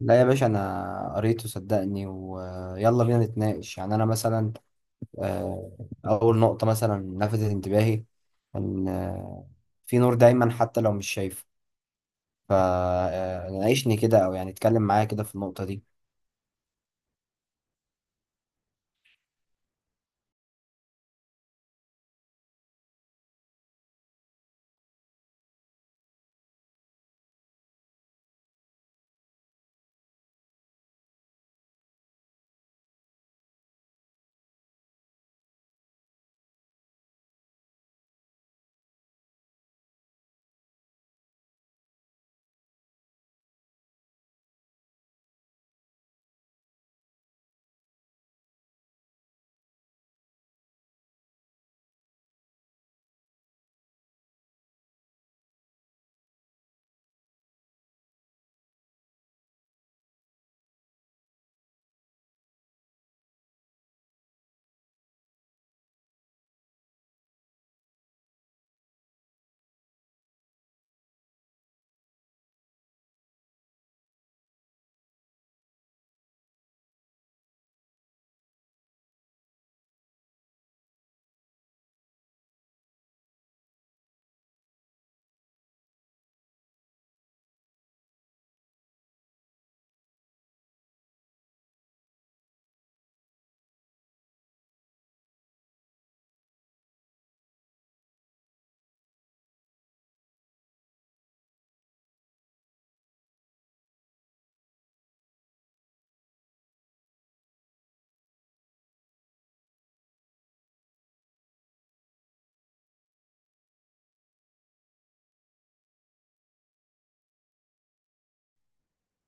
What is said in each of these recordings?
لا يا باشا، انا قريته صدقني ويلا بينا نتناقش. يعني انا مثلا آه، اول نقطة مثلا لفتت انتباهي ان في نور دايما حتى لو مش شايفه. فناقشني كده او يعني اتكلم معايا كده في النقطة دي.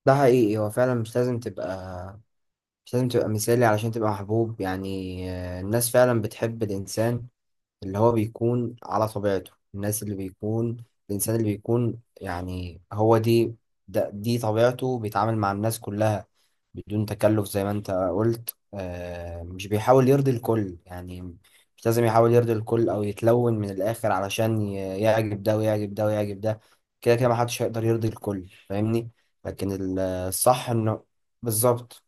ده حقيقي، هو فعلا مش لازم تبقى مثالي علشان تبقى محبوب. يعني الناس فعلا بتحب الانسان اللي هو بيكون على طبيعته، الناس اللي بيكون الإنسان اللي بيكون يعني هو دي ده دي طبيعته، بيتعامل مع الناس كلها بدون تكلف زي ما انت قلت. آه مش بيحاول يرضي الكل. يعني مش لازم يحاول يرضي الكل أو يتلون من الآخر علشان يعجب ده ويعجب ده ويعجب ده. كده كده محدش هيقدر يرضي الكل، فاهمني؟ لكن الصح انه بالظبط.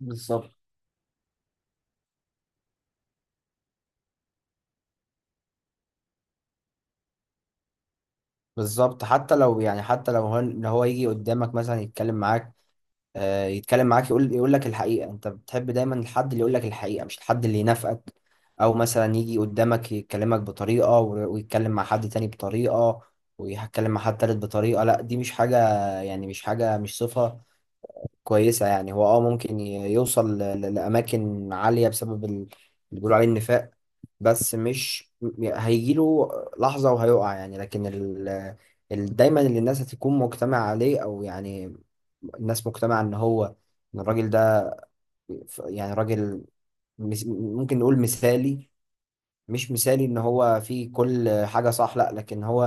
بالظبط. بالظبط، حتى لو يعني حتى لو هو يجي قدامك مثلا يتكلم معاك، يتكلم معاك يقول لك الحقيقة. انت بتحب دايما الحد اللي يقول لك الحقيقة مش الحد اللي ينافقك. او مثلا يجي قدامك يكلمك بطريقة ويتكلم مع حد تاني بطريقة ويتكلم مع حد تالت بطريقة. لا، دي مش حاجة، يعني مش حاجة، مش صفة كويسة. يعني هو اه ممكن يوصل لأماكن عالية بسبب اللي بيقولوا عليه النفاق، بس مش م- هيجيله لحظة وهيقع. يعني لكن دايما اللي الناس هتكون مجتمع عليه، أو يعني الناس مجتمعة إن هو، إن الراجل ده يعني راجل ممكن نقول مثالي. مش مثالي إن هو فيه كل حاجة صح، لأ، لكن هو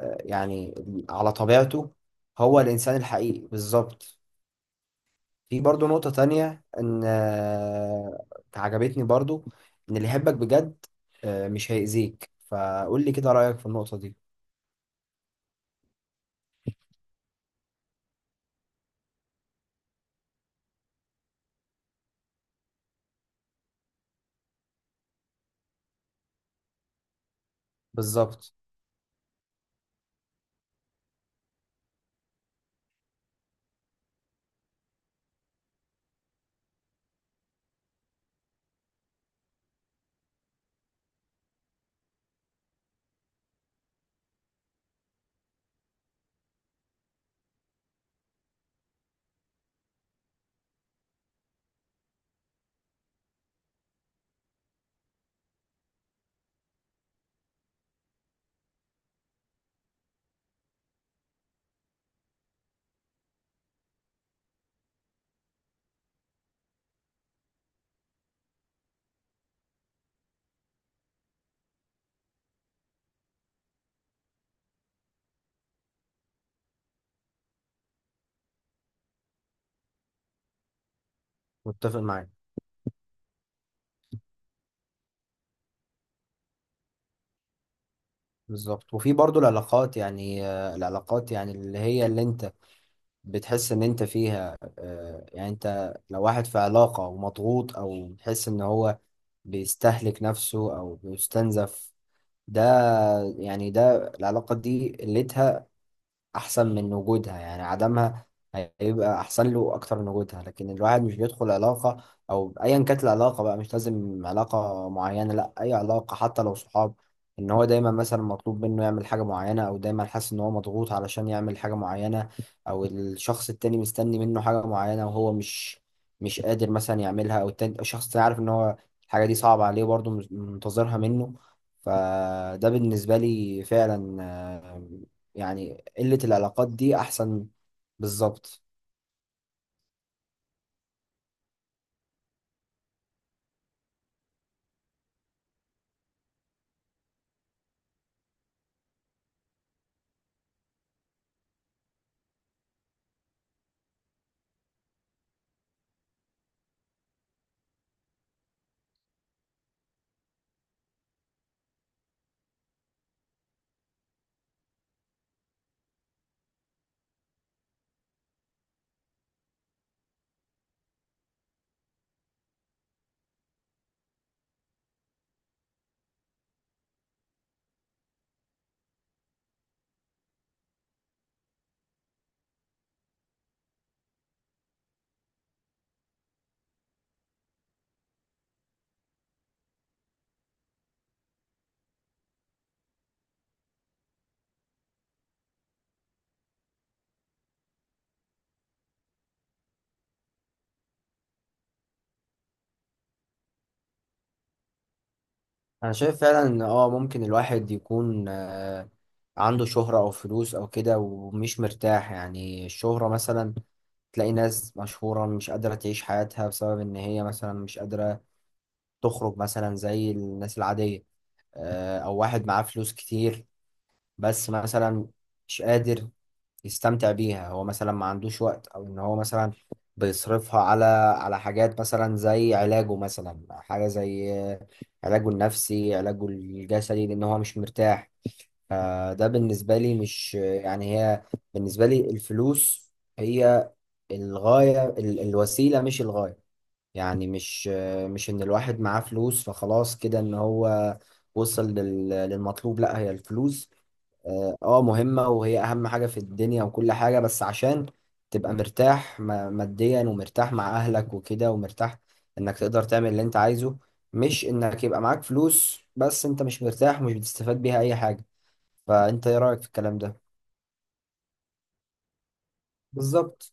يعني على طبيعته، هو الإنسان الحقيقي بالظبط. في برضو نقطة تانية إن عجبتني برضو، إن اللي يحبك بجد مش هيأذيك. فقول لي كده رأيك في النقطة دي. بالظبط، متفق معاك. بالظبط، وفي برضو العلاقات، يعني العلاقات يعني اللي هي اللي أنت بتحس إن أنت فيها يعني أنت لو واحد في علاقة ومضغوط أو بتحس إن هو بيستهلك نفسه أو بيستنزف، ده يعني ده العلاقة دي قلتها احسن من وجودها، يعني عدمها هيبقى احسن له اكتر من وجودها. لكن الواحد مش بيدخل علاقة او ايا كانت العلاقة بقى، مش لازم علاقة معينة، لا اي علاقة حتى لو صحاب، ان هو دايما مثلا مطلوب منه يعمل حاجة معينة او دايما حاسس ان هو مضغوط علشان يعمل حاجة معينة، او الشخص التاني مستني منه حاجة معينة وهو مش قادر مثلا يعملها، او التاني الشخص التاني عارف ان هو الحاجة دي صعبة عليه برضه منتظرها منه. فده بالنسبة لي فعلا آه، يعني قلة العلاقات دي أحسن. بالظبط، أنا شايف فعلا إن آه ممكن الواحد يكون آه عنده شهرة أو فلوس أو كده ومش مرتاح. يعني الشهرة مثلا، تلاقي ناس مشهورة مش قادرة تعيش حياتها بسبب إن هي مثلا مش قادرة تخرج مثلا زي الناس العادية. أو واحد معاه فلوس كتير بس مثلا مش قادر يستمتع بيها. هو مثلا ما عندوش وقت، او ان هو مثلا بيصرفها على حاجات مثلا زي علاجه، مثلا حاجة زي علاجه النفسي، علاجه الجسدي، لان هو مش مرتاح. فده بالنسبة لي مش يعني هي، بالنسبة لي الفلوس هي الغاية الوسيلة مش الغاية. يعني مش ان الواحد معاه فلوس فخلاص كده ان هو وصل للمطلوب. لا، هي الفلوس اه مهمة وهي أهم حاجة في الدنيا وكل حاجة، بس عشان تبقى مرتاح ماديا ومرتاح مع أهلك وكده، ومرتاح إنك تقدر تعمل اللي أنت عايزه، مش إنك يبقى معاك فلوس بس أنت مش مرتاح ومش بتستفاد بيها أي حاجة. فأنت إيه رأيك في الكلام ده؟ بالظبط،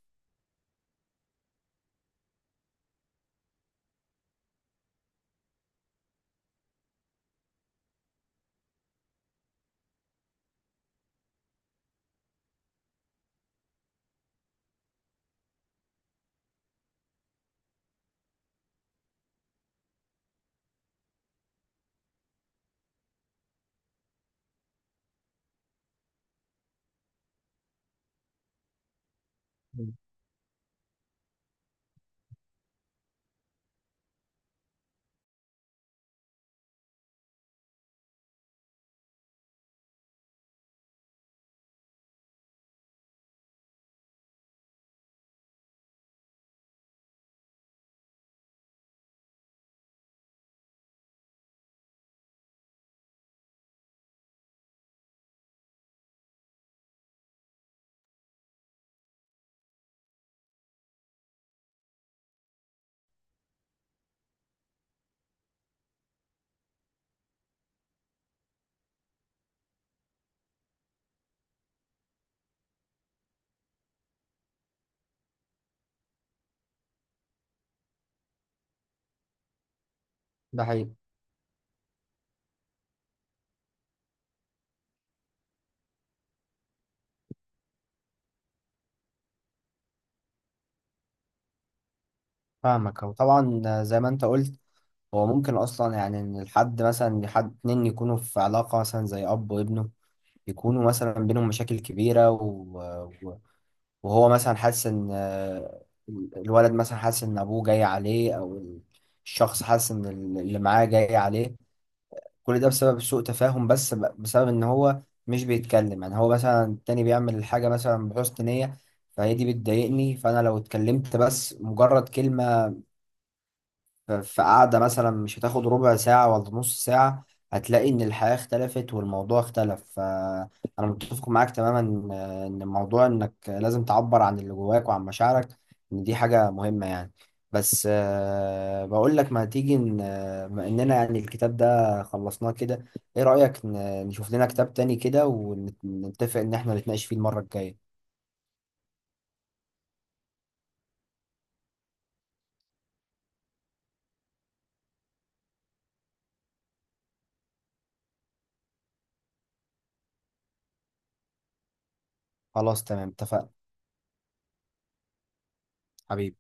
ده حقيقي. فاهمك، هو طبعا زي ما انت قلت، هو ممكن اصلا يعني ان الحد مثلا حد اتنين يكونوا في علاقة مثلا زي اب وابنه، يكونوا مثلا بينهم مشاكل كبيرة، وهو مثلا حاسس ان الولد مثلا حاسس ان ابوه جاي عليه، او الشخص حاسس ان اللي معاه جاي عليه. كل ده بسبب سوء تفاهم، بس بسبب ان هو مش بيتكلم. يعني هو مثلا التاني بيعمل الحاجة مثلا بحسن نية، فهي دي بتضايقني، فانا لو اتكلمت بس مجرد كلمة في قعدة مثلا مش هتاخد ربع ساعة ولا نص ساعة، هتلاقي إن الحياة اختلفت والموضوع اختلف. فأنا متفق معاك تماما إن إن موضوع إنك لازم تعبر عن اللي جواك وعن مشاعرك، إن دي حاجة مهمة يعني. بس بقول لك ما تيجي، إن بما إننا يعني الكتاب ده خلصناه كده، إيه رأيك نشوف لنا كتاب تاني كده ونتفق إن إحنا نتناقش فيه المرة الجاية؟ خلاص تمام، اتفقنا حبيبي.